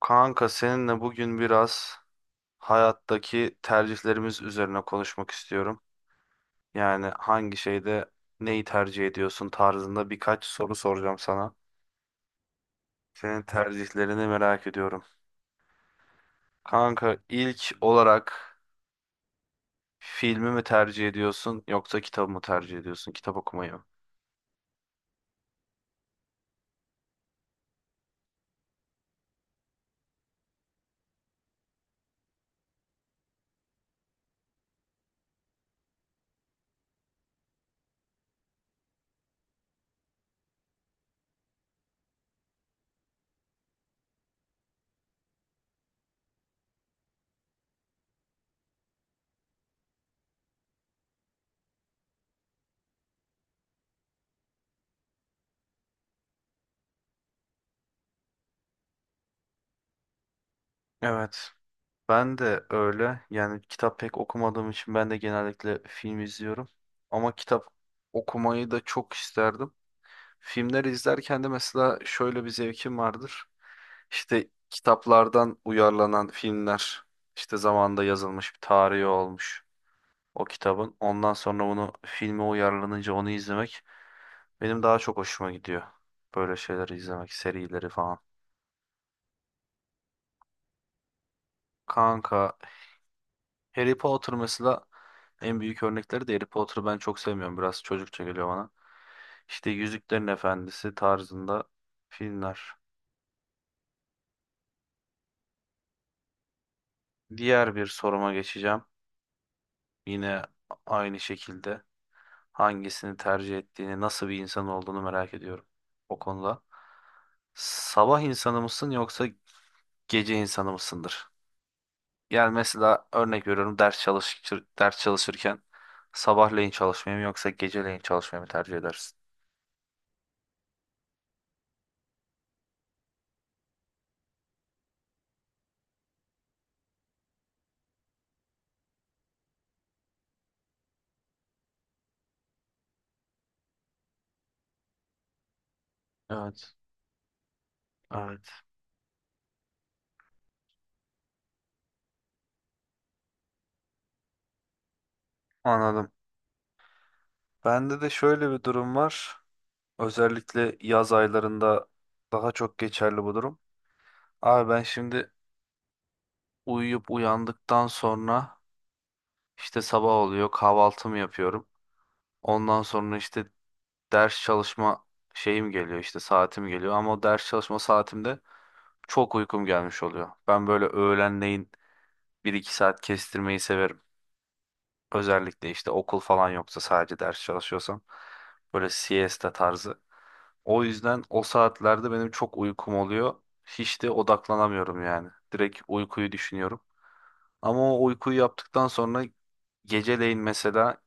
Kanka seninle bugün biraz hayattaki tercihlerimiz üzerine konuşmak istiyorum. Yani hangi şeyde neyi tercih ediyorsun tarzında birkaç soru soracağım sana. Senin tercihlerini merak ediyorum. Kanka ilk olarak filmi mi tercih ediyorsun yoksa kitabı mı tercih ediyorsun? Kitap okumayı mı? Evet. Ben de öyle. Yani kitap pek okumadığım için ben de genellikle film izliyorum. Ama kitap okumayı da çok isterdim. Filmleri izlerken de mesela şöyle bir zevkim vardır. İşte kitaplardan uyarlanan filmler, işte zamanında yazılmış bir tarihi olmuş o kitabın. Ondan sonra onu filme uyarlanınca onu izlemek benim daha çok hoşuma gidiyor. Böyle şeyleri izlemek, serileri falan. Kanka, Harry Potter mesela en büyük örnekleri de Harry Potter'ı ben çok sevmiyorum. Biraz çocukça geliyor bana. İşte Yüzüklerin Efendisi tarzında filmler. Diğer bir soruma geçeceğim. Yine aynı şekilde hangisini tercih ettiğini, nasıl bir insan olduğunu merak ediyorum o konuda. Sabah insanı mısın yoksa gece insanı mısındır? Yani mesela örnek veriyorum ders çalışır, ders çalışırken sabahleyin çalışmayı mı yoksa geceleyin çalışmayı mı tercih edersin? Evet, evet. Anladım. Bende de şöyle bir durum var. Özellikle yaz aylarında daha çok geçerli bu durum. Abi ben şimdi uyuyup uyandıktan sonra İşte sabah oluyor, kahvaltımı yapıyorum. Ondan sonra işte ders çalışma şeyim geliyor, işte saatim geliyor. Ama o ders çalışma saatimde çok uykum gelmiş oluyor. Ben böyle öğlenleyin bir iki saat kestirmeyi severim. Özellikle işte okul falan yoksa sadece ders çalışıyorsam. Böyle siesta tarzı. O yüzden o saatlerde benim çok uykum oluyor. Hiç de odaklanamıyorum yani. Direkt uykuyu düşünüyorum. Ama o uykuyu yaptıktan sonra geceleyin mesela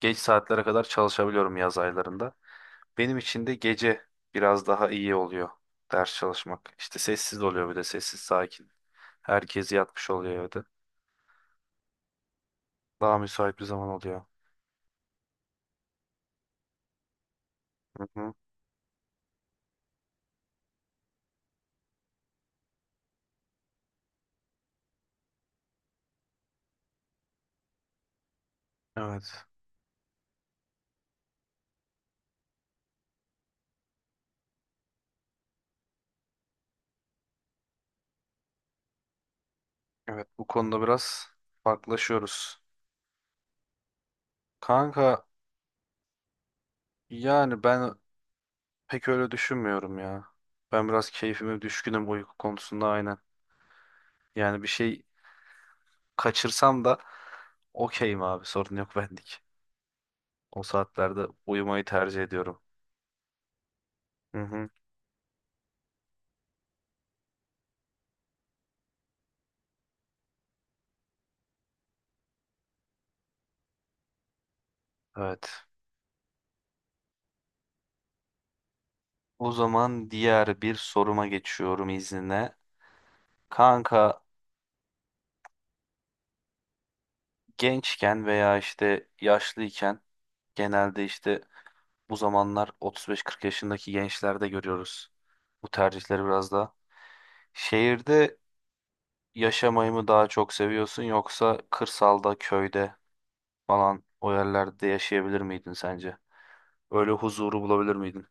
geç saatlere kadar çalışabiliyorum yaz aylarında. Benim için de gece biraz daha iyi oluyor ders çalışmak. İşte sessiz oluyor bir de sessiz sakin. Herkes yatmış oluyor evde. Daha müsait bir zaman oluyor. Hı hı. Evet. Evet bu konuda biraz farklılaşıyoruz. Kanka yani ben pek öyle düşünmüyorum ya. Ben biraz keyfime düşkünüm uyku konusunda aynen. Yani bir şey kaçırsam da okeyim abi sorun yok bendik. O saatlerde uyumayı tercih ediyorum. Hı hı. Evet. O zaman diğer bir soruma geçiyorum izninle. Kanka gençken veya işte yaşlıyken genelde işte bu zamanlar 35-40 yaşındaki gençlerde görüyoruz. Bu tercihleri biraz da. Şehirde yaşamayı mı daha çok seviyorsun yoksa kırsalda, köyde falan o yerlerde yaşayabilir miydin sence? Öyle huzuru bulabilir miydin?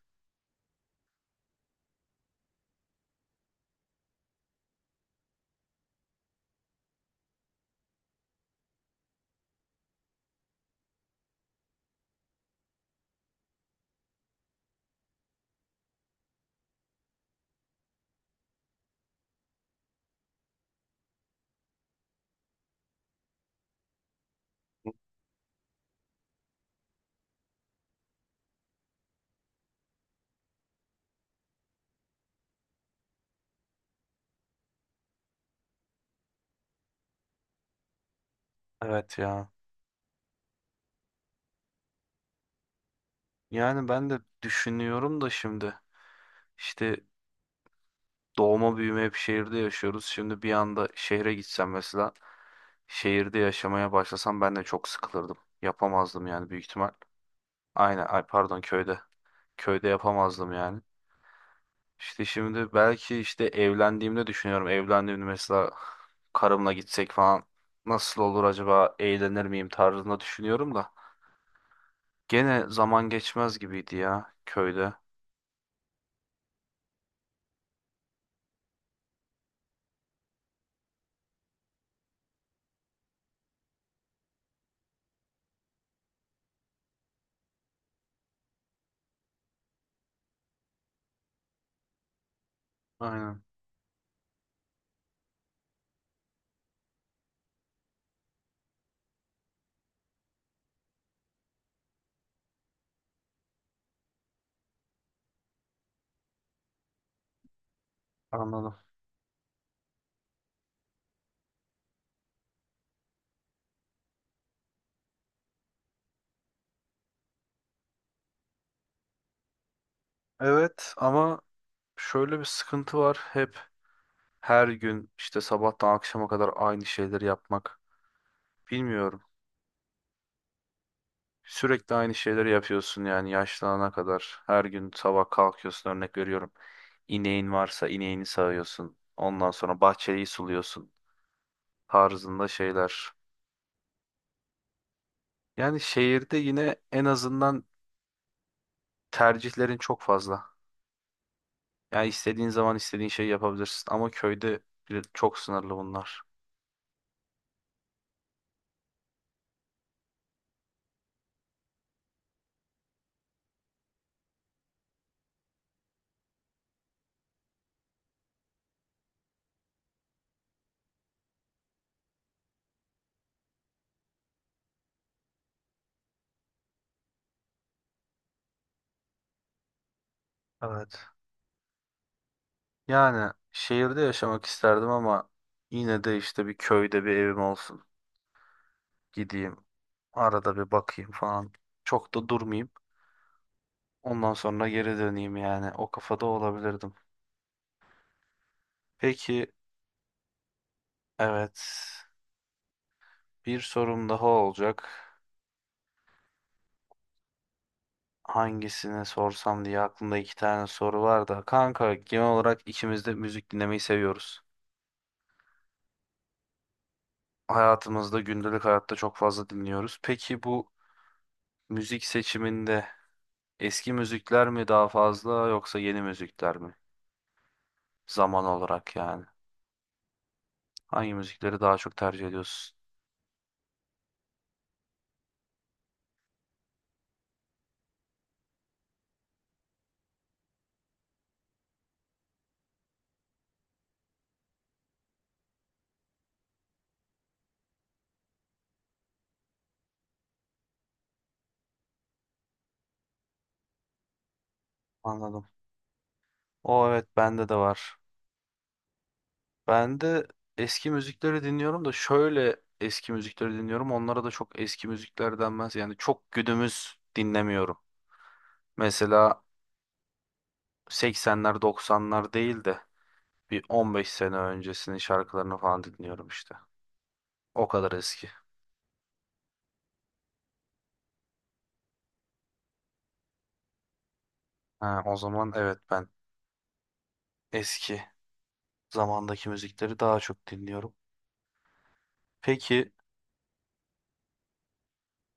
Evet ya. Yani ben de düşünüyorum da şimdi işte doğma büyüme hep şehirde yaşıyoruz. Şimdi bir anda şehre gitsem mesela şehirde yaşamaya başlasam ben de çok sıkılırdım. Yapamazdım yani büyük ihtimal. Aynen ay pardon köyde. Köyde yapamazdım yani. İşte şimdi belki işte evlendiğimde düşünüyorum. Evlendiğimde mesela karımla gitsek falan nasıl olur acaba eğlenir miyim tarzında düşünüyorum da. Gene zaman geçmez gibiydi ya köyde. Aynen anladım. Evet ama şöyle bir sıkıntı var. Hep her gün işte sabahtan akşama kadar aynı şeyleri yapmak. Bilmiyorum. Sürekli aynı şeyleri yapıyorsun yani yaşlanana kadar. Her gün sabah kalkıyorsun örnek veriyorum. İneğin varsa ineğini sağıyorsun. Ondan sonra bahçeyi suluyorsun tarzında şeyler. Yani şehirde yine en azından tercihlerin çok fazla. Yani istediğin zaman istediğin şeyi yapabilirsin ama köyde çok sınırlı bunlar. Evet. Yani şehirde yaşamak isterdim ama yine de işte bir köyde bir evim olsun. Gideyim. Arada bir bakayım falan. Çok da durmayayım. Ondan sonra geri döneyim yani. O kafada olabilirdim. Peki evet. Bir sorum daha olacak. Hangisini sorsam diye aklımda iki tane soru var da. Kanka genel olarak ikimiz de müzik dinlemeyi seviyoruz. Hayatımızda gündelik hayatta çok fazla dinliyoruz. Peki bu müzik seçiminde eski müzikler mi daha fazla yoksa yeni müzikler mi? Zaman olarak yani. Hangi müzikleri daha çok tercih ediyorsun? Anladım. O evet bende de var. Ben de eski müzikleri dinliyorum da şöyle eski müzikleri dinliyorum. Onlara da çok eski müzikler denmez. Yani çok günümüz dinlemiyorum. Mesela 80'ler 90'lar değil de bir 15 sene öncesinin şarkılarını falan dinliyorum işte. O kadar eski. Ha, o zaman evet ben eski zamandaki müzikleri daha çok dinliyorum. Peki,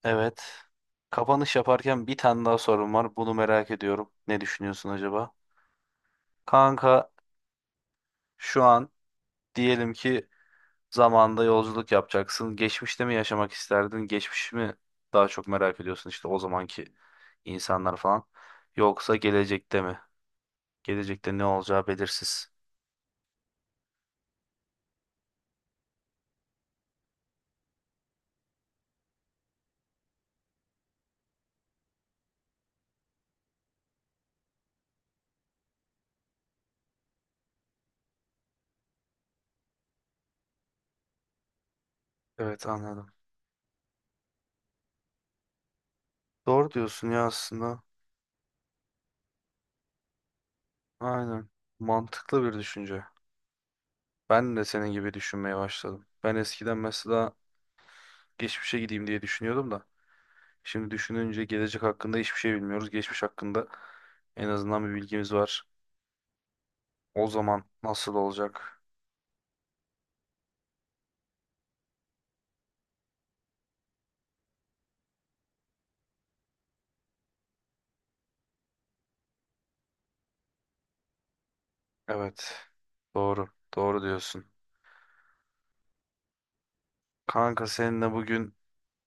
evet. Kapanış yaparken bir tane daha sorum var. Bunu merak ediyorum. Ne düşünüyorsun acaba? Kanka, şu an diyelim ki zamanda yolculuk yapacaksın. Geçmişte mi yaşamak isterdin? Geçmiş mi daha çok merak ediyorsun işte o zamanki insanlar falan. Yoksa gelecekte mi? Gelecekte ne olacağı belirsiz. Evet anladım. Doğru diyorsun ya aslında. Aynen. Mantıklı bir düşünce. Ben de senin gibi düşünmeye başladım. Ben eskiden mesela geçmişe gideyim diye düşünüyordum da. Şimdi düşününce gelecek hakkında hiçbir şey bilmiyoruz. Geçmiş hakkında en azından bir bilgimiz var. O zaman nasıl olacak? Evet. Doğru. Doğru diyorsun. Kanka seninle bugün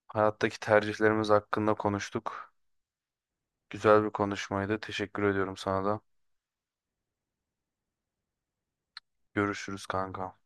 hayattaki tercihlerimiz hakkında konuştuk. Güzel bir konuşmaydı. Teşekkür ediyorum sana da. Görüşürüz kanka.